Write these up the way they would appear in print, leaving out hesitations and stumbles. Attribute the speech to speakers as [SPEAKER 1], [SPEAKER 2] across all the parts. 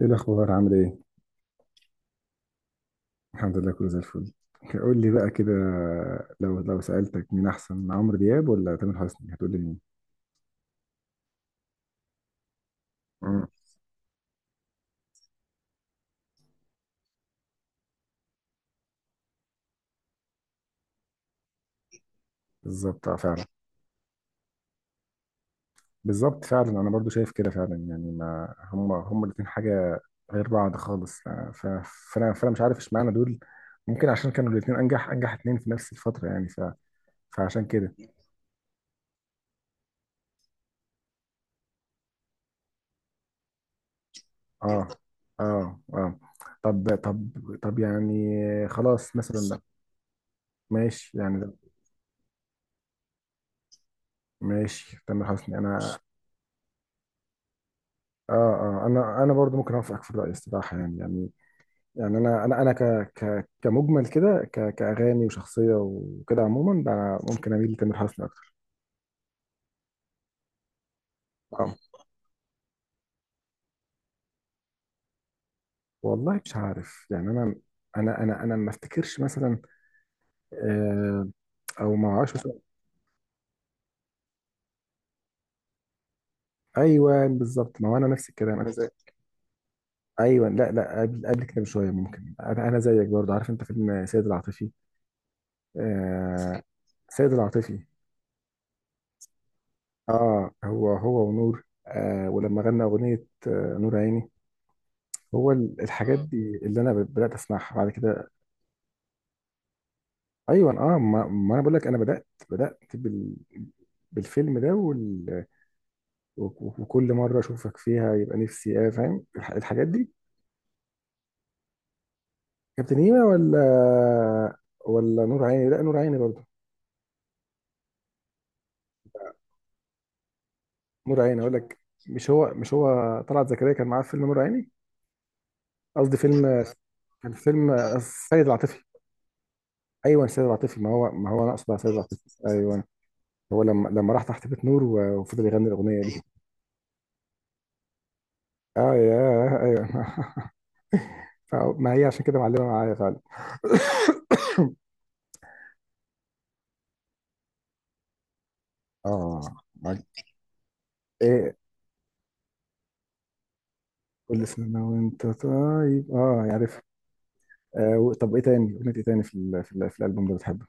[SPEAKER 1] ايه الاخبار، عامل ايه؟ الحمد لله، كله زي الفل. قول لي بقى كده، لو سالتك مين احسن، عمرو دياب ولا تامر حسني، هتقول لي مين؟ امم بالظبط، فعلا. بالظبط فعلا، انا برضو شايف كده فعلا، يعني ما هم الاثنين حاجه غير بعض خالص. فانا مش عارف اشمعنى دول. ممكن عشان كانوا الاثنين انجح اثنين في نفس الفتره، يعني فعشان كده. اه، اه، اه. طب طب يعني، خلاص مثلا. ماشي يعني. ماشي، تامر حسني، انا. اه، اه، انا برضو ممكن اوافقك في الراي الصراحه، يعني، يعني انا ك ك كمجمل كده، كاغاني وشخصيه وكده، عموما بقى، ممكن اميل لتامر حسني اكتر. اه والله مش عارف يعني. انا انا ما افتكرش مثلا، آه او ما اعرفش مثلا. ايوه بالظبط، ما هو انا نفس الكلام، انا زي. ايوه، لا، لا، قبل كده بشويه. ممكن انا، أنا زيك برضو. عارف انت فيلم سيد العاطفي؟ آه، سيد العاطفي. اه، هو ونور، ولما غنى اغنيه، آه، نور عيني. هو الحاجات دي اللي انا بدات اسمعها بعد كده. ايوه اه، ما انا بقول لك، انا بدات بالفيلم ده وال... وكل مره اشوفك فيها يبقى نفسي ايه، فاهم؟ الحاجات دي. كابتن هيما ولا ولا نور عيني؟ لا، نور عيني برضه. نور عيني اقول لك. مش هو طلعت زكريا كان معاه في فيلم نور عيني؟ قصدي فيلم، كان فيلم السيد العاطفي. ايوه سيد العاطفي. ما هو انا اقصد على سيد العاطفي. ايوه. هو لما راح تحت بيت نور، وفضل يغني الاغنيه دي. اه ياه، ايوه. ما هي عشان كده معلمه معايا غالب. اه، عج- ايه. كل سنه وانت طيب. اه عارف. آه، طب ايه تاني اغنيه، ايه تاني في الالبوم ده بتحبه؟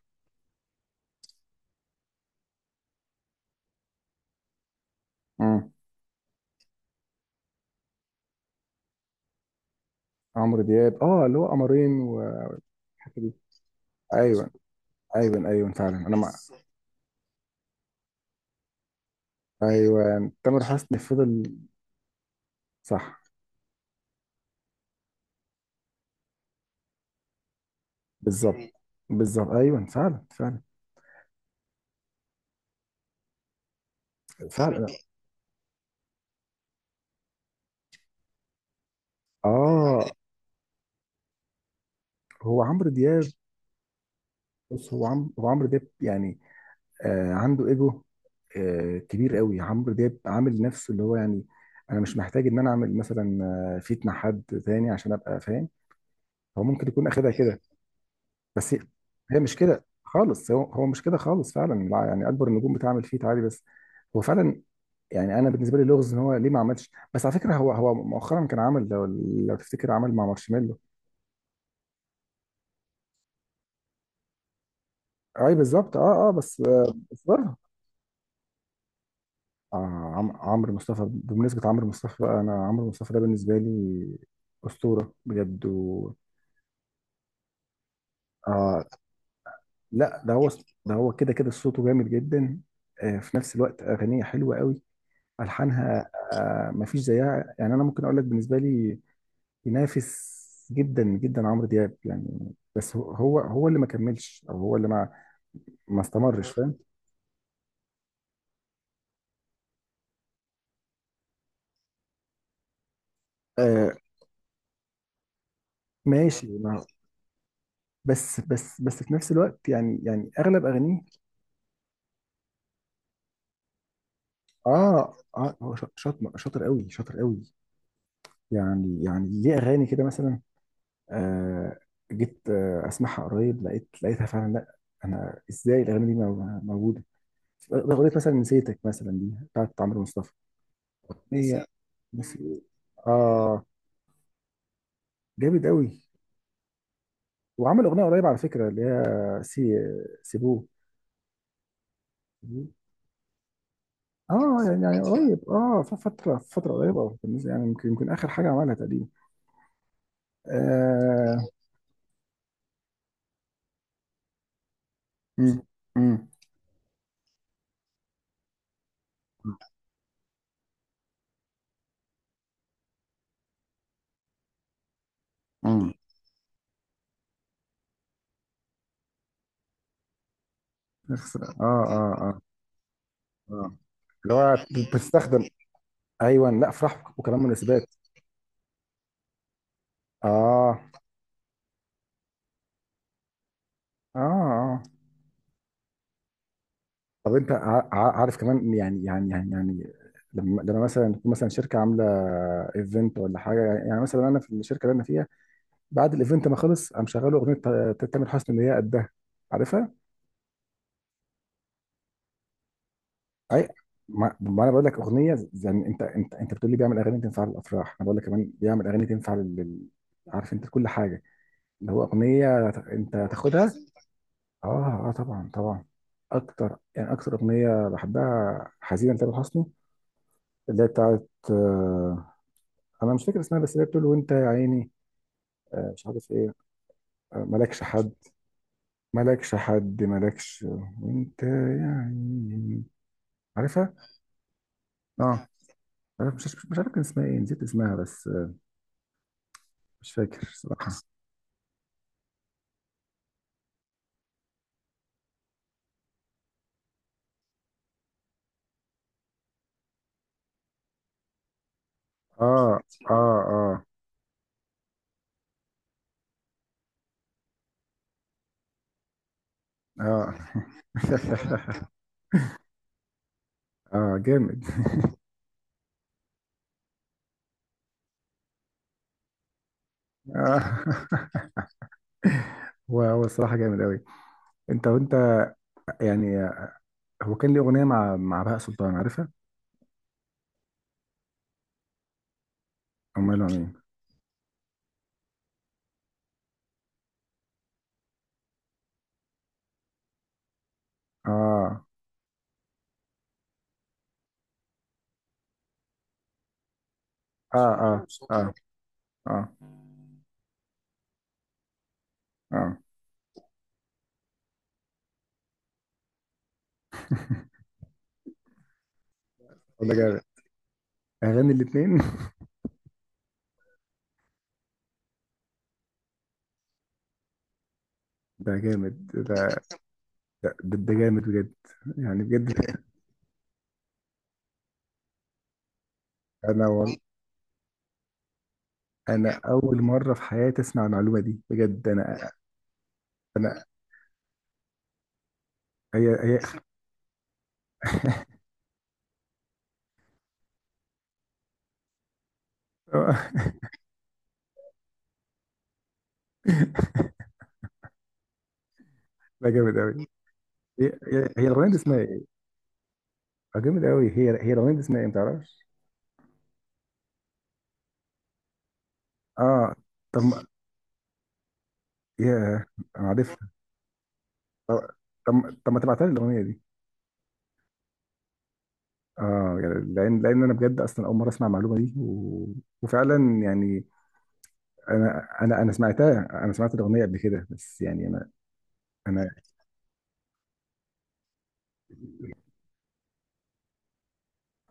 [SPEAKER 1] امم عمرو دياب، اللي هو قمرين والحته دي. ايوه، ايوه، ايوه فعلا، انا مع. ايوه، تامر حسني فضل. صح. بالظبط بالظبط، ايوه فعلا فعلا. فعلا اه هو عمرو دياب. بص، هو هو عمرو دياب يعني، آه، عنده ايجو، آه، كبير قوي. عمرو دياب عامل نفسه اللي هو، يعني انا مش محتاج ان انا اعمل مثلا، آه، فيت مع حد تاني عشان ابقى فاهم. هو ممكن يكون اخدها كده. بس هي هي مش كده خالص، هو مش كده خالص فعلا. لا، يعني اكبر النجوم بتعمل فيت عادي. بس هو فعلا. يعني انا بالنسبه لي لغز ان هو ليه ما عملش. بس على فكره هو مؤخرا كان عمل، لو تفتكر، عمل مع مارشميلو. اي بالظبط، اه، بس آه، بس برضه. آه، عمرو مصطفى. بمناسبة عمرو مصطفى بقى، أنا عمرو مصطفى ده بالنسبة لي أسطورة بجد و... آه لا، ده هو، ده هو كده، كده صوته جامد جدا. آه، في نفس الوقت أغانيه حلوة قوي، ألحانها، آه، مفيش زيها. يعني أنا ممكن أقول لك بالنسبة لي ينافس جدا جدا عمرو دياب يعني. بس هو، هو اللي ما كملش، أو هو اللي ما استمرش، فاهم؟ آه، ماشي. ما بس بس في نفس الوقت، يعني أغلب أغانيه. اه، اه، هو شاطر، شاطر قوي، شاطر قوي. يعني ليه اغاني كده مثلا. آه، جيت اسمعها قريب، لقيتها فعلا. لا، انا ازاي الاغاني دي موجوده؟ اغنيه مثلا نسيتك مثلا، دي بتاعت عمرو مصطفى. هي بس، اه جامد قوي. وعمل اغنيه قريب على فكره، اللي هي سي سيبوه. اه يعني، قريب، اه، في فتره، قريبه، أو بالنسبة، يعني يمكن اخر حاجه عملها تقريبا. آه. مم. مم. مم. نغسل، اه، اه، اه. اه اللي هو بتستخدم. ايوه لا، افراح وكمان مناسبات. اه، اه، اه. طب انت، عارف كمان يعني، يعني، لما مثلا تكون مثلا شركه عامله ايفنت ولا حاجه. يعني مثلا انا في الشركه اللي انا فيها، بعد الايفنت ما خلص، قام شغال اغنيه تامر حسني اللي هي قدها، عارفها؟ اي، ما انا بقول لك، اغنيه زي يعني، انت بتقول لي بيعمل اغاني تنفع للافراح، انا بقول لك كمان بيعمل اغاني تنفع لل عارف انت كل حاجه، اللي هو أغنية أنت تاخدها. آه، آه، طبعا طبعا. أكتر يعني، أكتر أغنية بحبها حزينة تامر حسني اللي هي بتاعت، آه، أنا مش فاكر اسمها، بس اللي هي بتقول وأنت يا عيني، آه مش عارف إيه، آه مالكش حد، مالكش حد، مالكش، وأنت يا عيني، عارفها؟ آه، عارف- مش مش عارف كان اسمها إيه، نسيت اسمها بس، آه، مش فاكر صراحة. آه، آه، آه، آه. آه، جامد. آه. هو الصراحة جامد أوي. انت وانت يعني. هو كان ليه اغنيه مع بهاء سلطان، عارفها؟ او ماله مين. اه، اه، اه، اه، اه، اه. ده جامد، اغاني الاثنين. ده جامد. ده ده جامد بجد، يعني بجد. انا وال... انا اول مره في حياتي اسمع المعلومه دي بجد. انا، انا هي هي. ده جامد قوي. هي الاغنيه دي اسمها ايه؟ آه جامد قوي، هي الاغنيه دي اسمها ايه، ما تعرفش؟ اه. طب ما- ياه انا عارفها. طب، طب ما تبعتها لي الاغنيه دي. اه يعني، لان انا بجد اصلا اول مره اسمع المعلومه دي و... وفعلا يعني، انا سمعتها، انا سمعت الاغنيه قبل كده بس يعني، انا،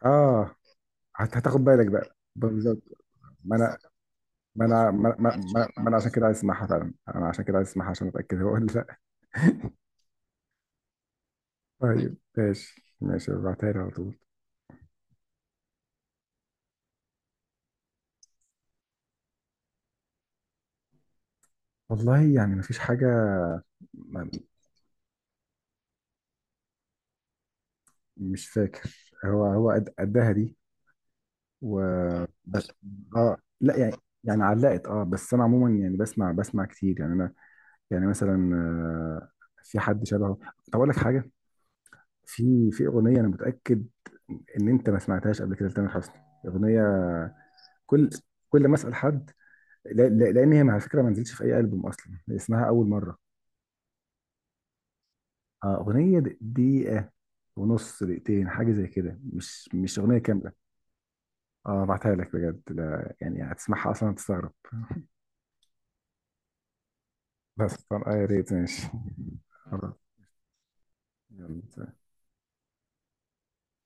[SPEAKER 1] اه، هتاخد بالك بقى بالظبط. ما انا ما انا ما انا عشان كده عايز اسمعها فعلا، انا عشان كده عايز اسمعها عشان اتاكد هو ولا لا. طيب، ماشي ماشي، ابعتها لي على طول. والله يعني ما فيش حاجه. ما مش فاكر. هو قدها دي و... لا يعني، يعني علقت، بس انا عموما يعني بسمع، كتير يعني انا. يعني مثلا، آه، في حد شبهه. طب اقول لك حاجه، في اغنيه انا متاكد ان انت ما سمعتهاش قبل كده لتامر حسني. اغنيه، كل كل ما اسال حد، لان هي على فكره ما نزلتش في اي البوم اصلا. اسمها اول مره. آه، اغنيه دقيقه ونص، دقيقتين، حاجه زي كده، مش اغنيه كامله. اه بعتها لك بجد، لا يعني هتسمعها اصلا هتستغرب. بس طب، آه يا ريت. ماشي. خلاص. يلا.